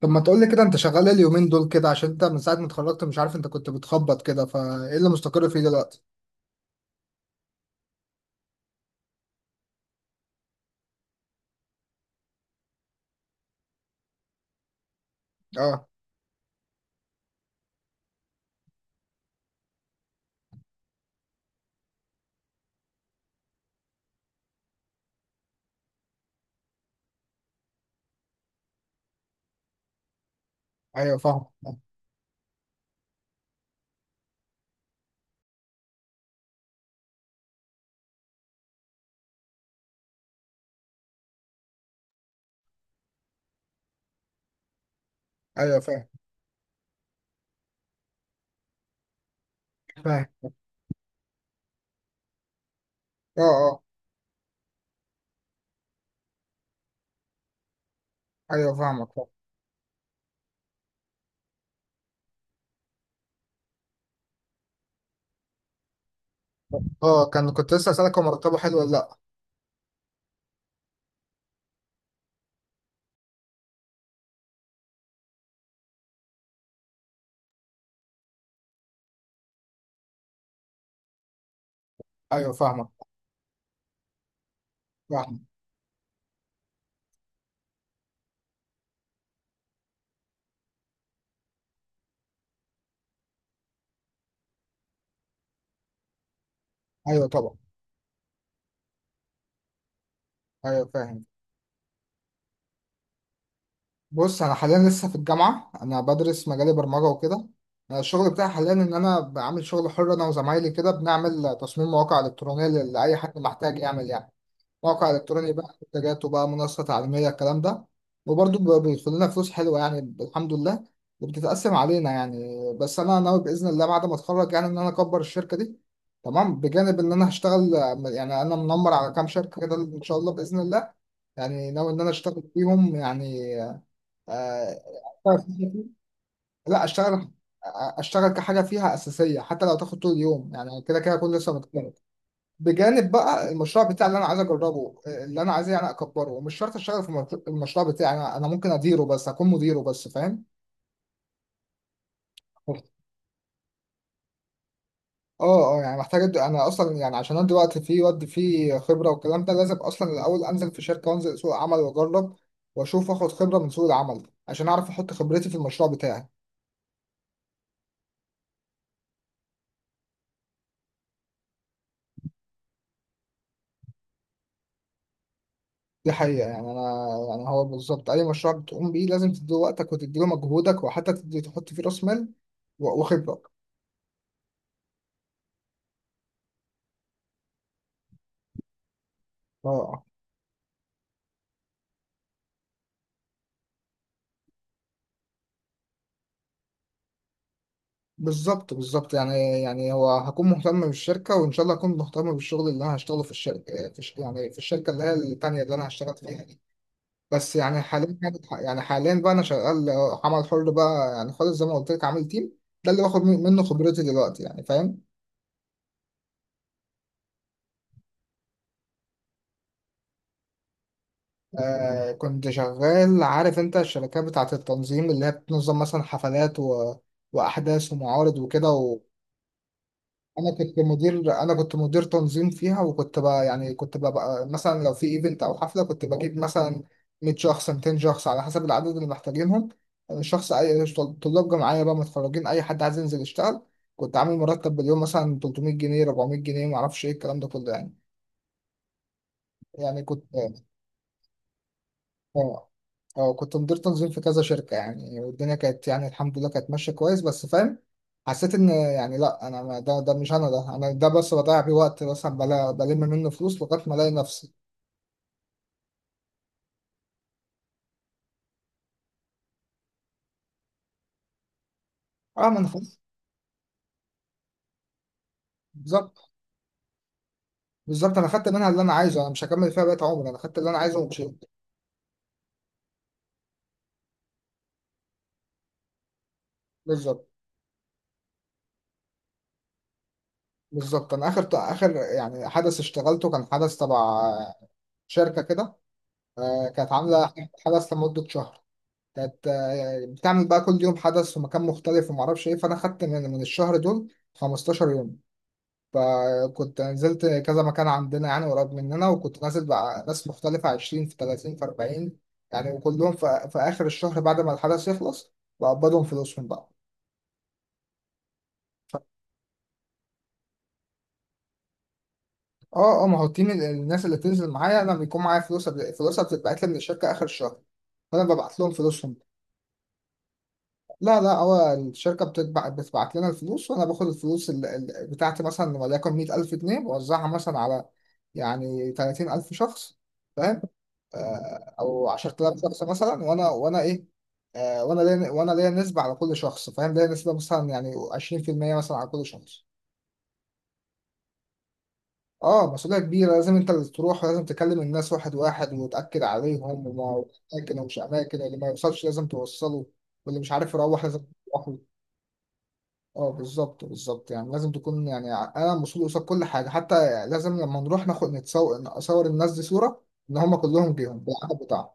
طب ما تقولي كده، انت شغال ايه اليومين دول كده؟ عشان انت من ساعة ما اتخرجت مش عارف انت كنت بتخبط كده، فايه اللي مستقر فيه دلوقتي؟ اه، ايوه فاهم. ايوه فاهم فاهم. اه اه. ايوه فاهمك فاهم. اه، كنت لسه اسألك، هو مرتبه حلو ولا لا؟ ايوه فاهمك فاهم. ايوه طبعا. ايوه فاهم. بص، انا حاليا لسه في الجامعة، انا بدرس مجال برمجة وكده. أنا الشغل بتاعي حاليا ان انا بعمل شغل حر، انا وزمايلي كده بنعمل تصميم مواقع الكترونية لاي حد محتاج يعمل يعني موقع الكتروني، بقى منتجات وبقى منصه تعليميه، الكلام ده. وبرضه بيدخل لنا فلوس حلوه يعني الحمد لله، وبتتقسم علينا يعني. بس انا ناوي باذن الله بعد ما اتخرج يعني ان انا اكبر الشركه دي. تمام، بجانب ان انا هشتغل، يعني انا منمر على كام شركه كده ان شاء الله باذن الله، يعني ناوي ان انا اشتغل فيهم يعني. آه، لا، اشتغل. اشتغل كحاجه فيها اساسيه، حتى لو تاخد طول اليوم، يعني كده كده اكون لسه متخرج. بجانب بقى المشروع بتاعي اللي انا عايز اجربه، اللي انا عايز يعني اكبره، ومش شرط اشتغل في المشروع. المشروع بتاعي انا ممكن اديره، بس اكون مديره بس، فاهم. اه اه، يعني محتاج انا اصلا يعني عشان ادي وقت فيه وادي فيه خبره والكلام ده، لازم اصلا الاول انزل في شركه وانزل سوق عمل واجرب، واشوف اخد خبره من سوق العمل عشان اعرف احط خبرتي في المشروع بتاعي. دي حقيقه يعني. انا يعني هو بالظبط اي مشروع بتقوم بيه لازم تدي وقتك وتدي له مجهودك، وحتى تدي تحط فيه راس مال وخبره. اه، آه. بالظبط بالظبط، يعني هو هكون مهتم بالشركة، وإن شاء الله هكون مهتم بالشغل اللي أنا هشتغله في الشركة، يعني في الشركة اللي هي التانية اللي أنا هشتغل فيها دي. بس يعني حاليا، يعني حاليا بقى أنا شغال عمل حر بقى، يعني خالص زي ما قلت لك، عامل تيم، ده اللي باخد منه خبرتي دلوقتي يعني، فاهم. آه كنت شغال، عارف أنت الشركات بتاعة التنظيم اللي هي بتنظم مثلا حفلات وأحداث ومعارض وكده. انا كنت مدير تنظيم فيها، وكنت بقى يعني كنت بقى مثلا، لو في ايفنت او حفله كنت بجيب مثلا 100 شخص، 200 شخص، على حسب العدد اللي محتاجينهم. شخص اي، طلاب جامعيه بقى، متخرجين، اي حد عايز ينزل يشتغل. كنت عامل مرتب باليوم مثلا 300 جنيه، 400 جنيه، ما اعرفش ايه الكلام ده كله يعني. يعني كنت، اه اه كنت مدير تنظيم في كذا شركة يعني، والدنيا كانت يعني الحمد لله كانت ماشية كويس، بس فاهم، حسيت ان يعني لا، انا ده مش انا، ده انا، ده بس بضيع بيه وقت مثلا، بلم منه فلوس لغاية ما الاقي نفسي. اه، ما انا خلاص. بالظبط بالظبط، انا خدت منها اللي انا عايزه، انا مش هكمل فيها بقية عمري، انا خدت اللي انا عايزه ومشيت. بالظبط بالظبط. انا اخر اخر يعني حدث اشتغلته كان حدث تبع شركة كده. آه، كانت عاملة حدث لمدة شهر، كانت بتعمل بقى كل يوم حدث في مكان مختلف، وما اعرفش ايه، فانا خدت من الشهر دول 15 يوم. فكنت نزلت كذا مكان عندنا يعني قريب مننا، وكنت نازل مع ناس مختلفة، 20 في 30 في 40 يعني، وكلهم في اخر الشهر بعد ما الحدث يخلص بقبضهم فلوسهم بقى. اه اه، ما هو التيم، الناس اللي بتنزل معايا انا بيكون معايا فلوس، فلوسها بتتبعت لي من الشركة اخر الشهر، فانا ببعت لهم فلوسهم. لا لا، هو الشركة بتبعت لنا الفلوس، وأنا باخد الفلوس بتاعتي، مثلا وليكن 100,000 جنيه، بوزعها مثلا على يعني 30,000 شخص، فاهم، آه، أو 10,000 شخص مثلا، وأنا إيه، آه، وأنا ليا نسبة على كل شخص، فاهم، ليا نسبة مثلا يعني 20% مثلا على كل شخص. اه، مسؤولية كبيرة، لازم انت اللي تروح، ولازم تكلم الناس واحد واحد وتأكد عليهم وأماكن ومش أماكن، اللي ما يوصلش لازم توصله، واللي مش عارف يروح لازم يروح. اه بالظبط بالظبط، يعني لازم تكون يعني انا مسؤول قصاد كل حاجه، حتى لازم لما نروح ناخد نصور الناس دي صوره ان هم كلهم جيهم بالعدد بتاعهم.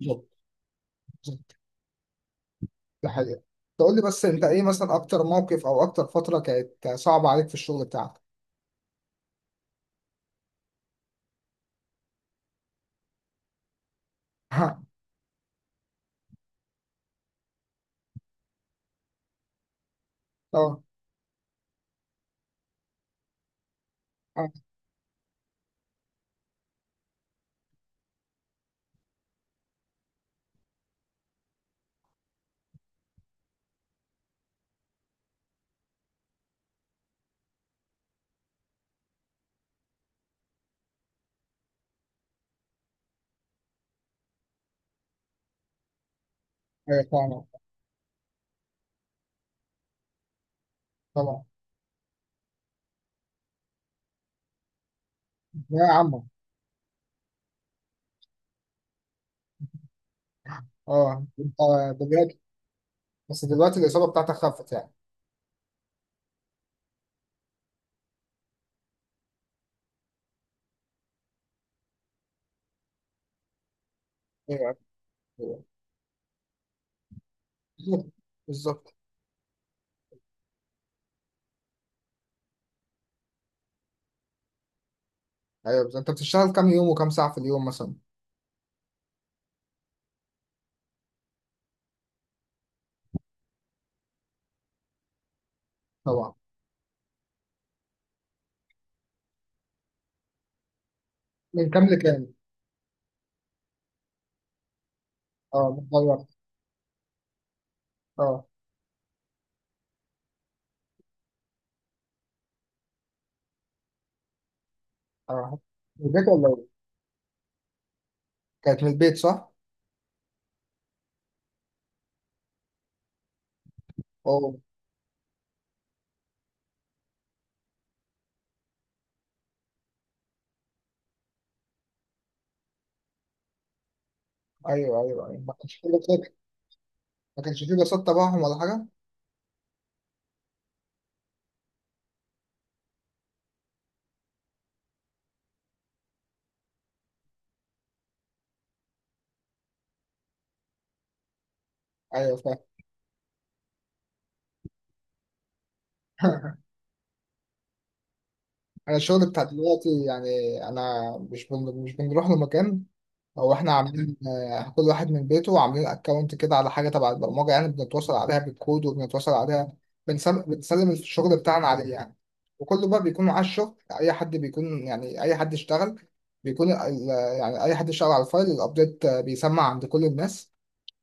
بالظبط بالظبط، ده حقيقه. تقول لي بس انت ايه مثلا اكتر موقف او اكتر فتره كانت صعبه عليك في الشغل بتاعك؟ ها، طبعا. اه، ايوه طبعا طبعا. يا عم. اه انت. دلوقتي. بس دلوقتي الاصابه بتاعتك خفت يعني؟ ايوه ايوه. بالظبط بالظبط. ايوه بالظبط. انت بتشتغل كام يوم وكام ساعه في اليوم مثلا؟ طبعا. من كام لكام؟ اه متغير. اه اه. من البيت ولا ايه؟ كانت من البيت صح؟ اوه. ايوه ايوه ايوه، ما كانش فيه لصات. ما كانش فيه لصات تبعهم ولا حاجه؟ ايوه فاهم. انا الشغل بتاع دلوقتي يعني، انا مش بنروح لمكان. هو احنا عاملين كل واحد من بيته، وعاملين اكونت كده على حاجه تبع البرمجه يعني بنتواصل عليها بالكود وبنتواصل عليها، بنسلم الشغل بتاعنا عليه يعني، وكله بقى بيكون معاه الشغل. اي حد بيكون يعني، اي حد اشتغل بيكون يعني اي حد اشتغل على الفايل الابديت بيسمع عند كل الناس،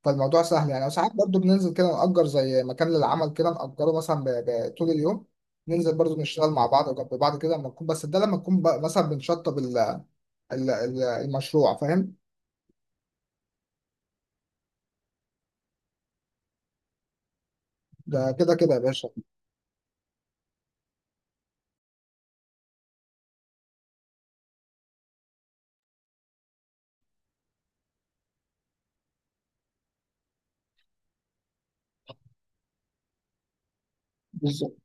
فالموضوع سهل يعني. وساعات برضو بننزل كده نأجر زي مكان للعمل كده، نأجره مثلا طول اليوم، ننزل برضو نشتغل مع بعض وجنب بعض كده، لما نكون، بس ده لما نكون بقى مثلا بنشطب المشروع فاهم. ده كده كده يا باشا. بالظبط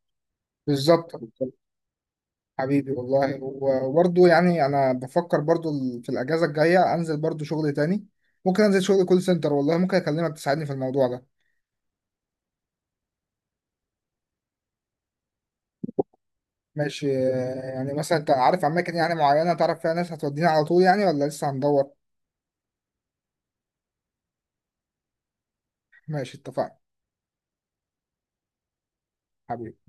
بالظبط بالظبط. حبيبي والله، وبرضه يعني انا بفكر برضه في الاجازه الجايه انزل برضه شغل تاني، ممكن انزل شغل كول سنتر والله، ممكن اكلمك تساعدني في الموضوع ده. ماشي، يعني مثلا انت عارف اماكن يعني معينه تعرف فيها ناس هتودينا على طول يعني، ولا لسه هندور؟ ماشي اتفقنا. حبيبي.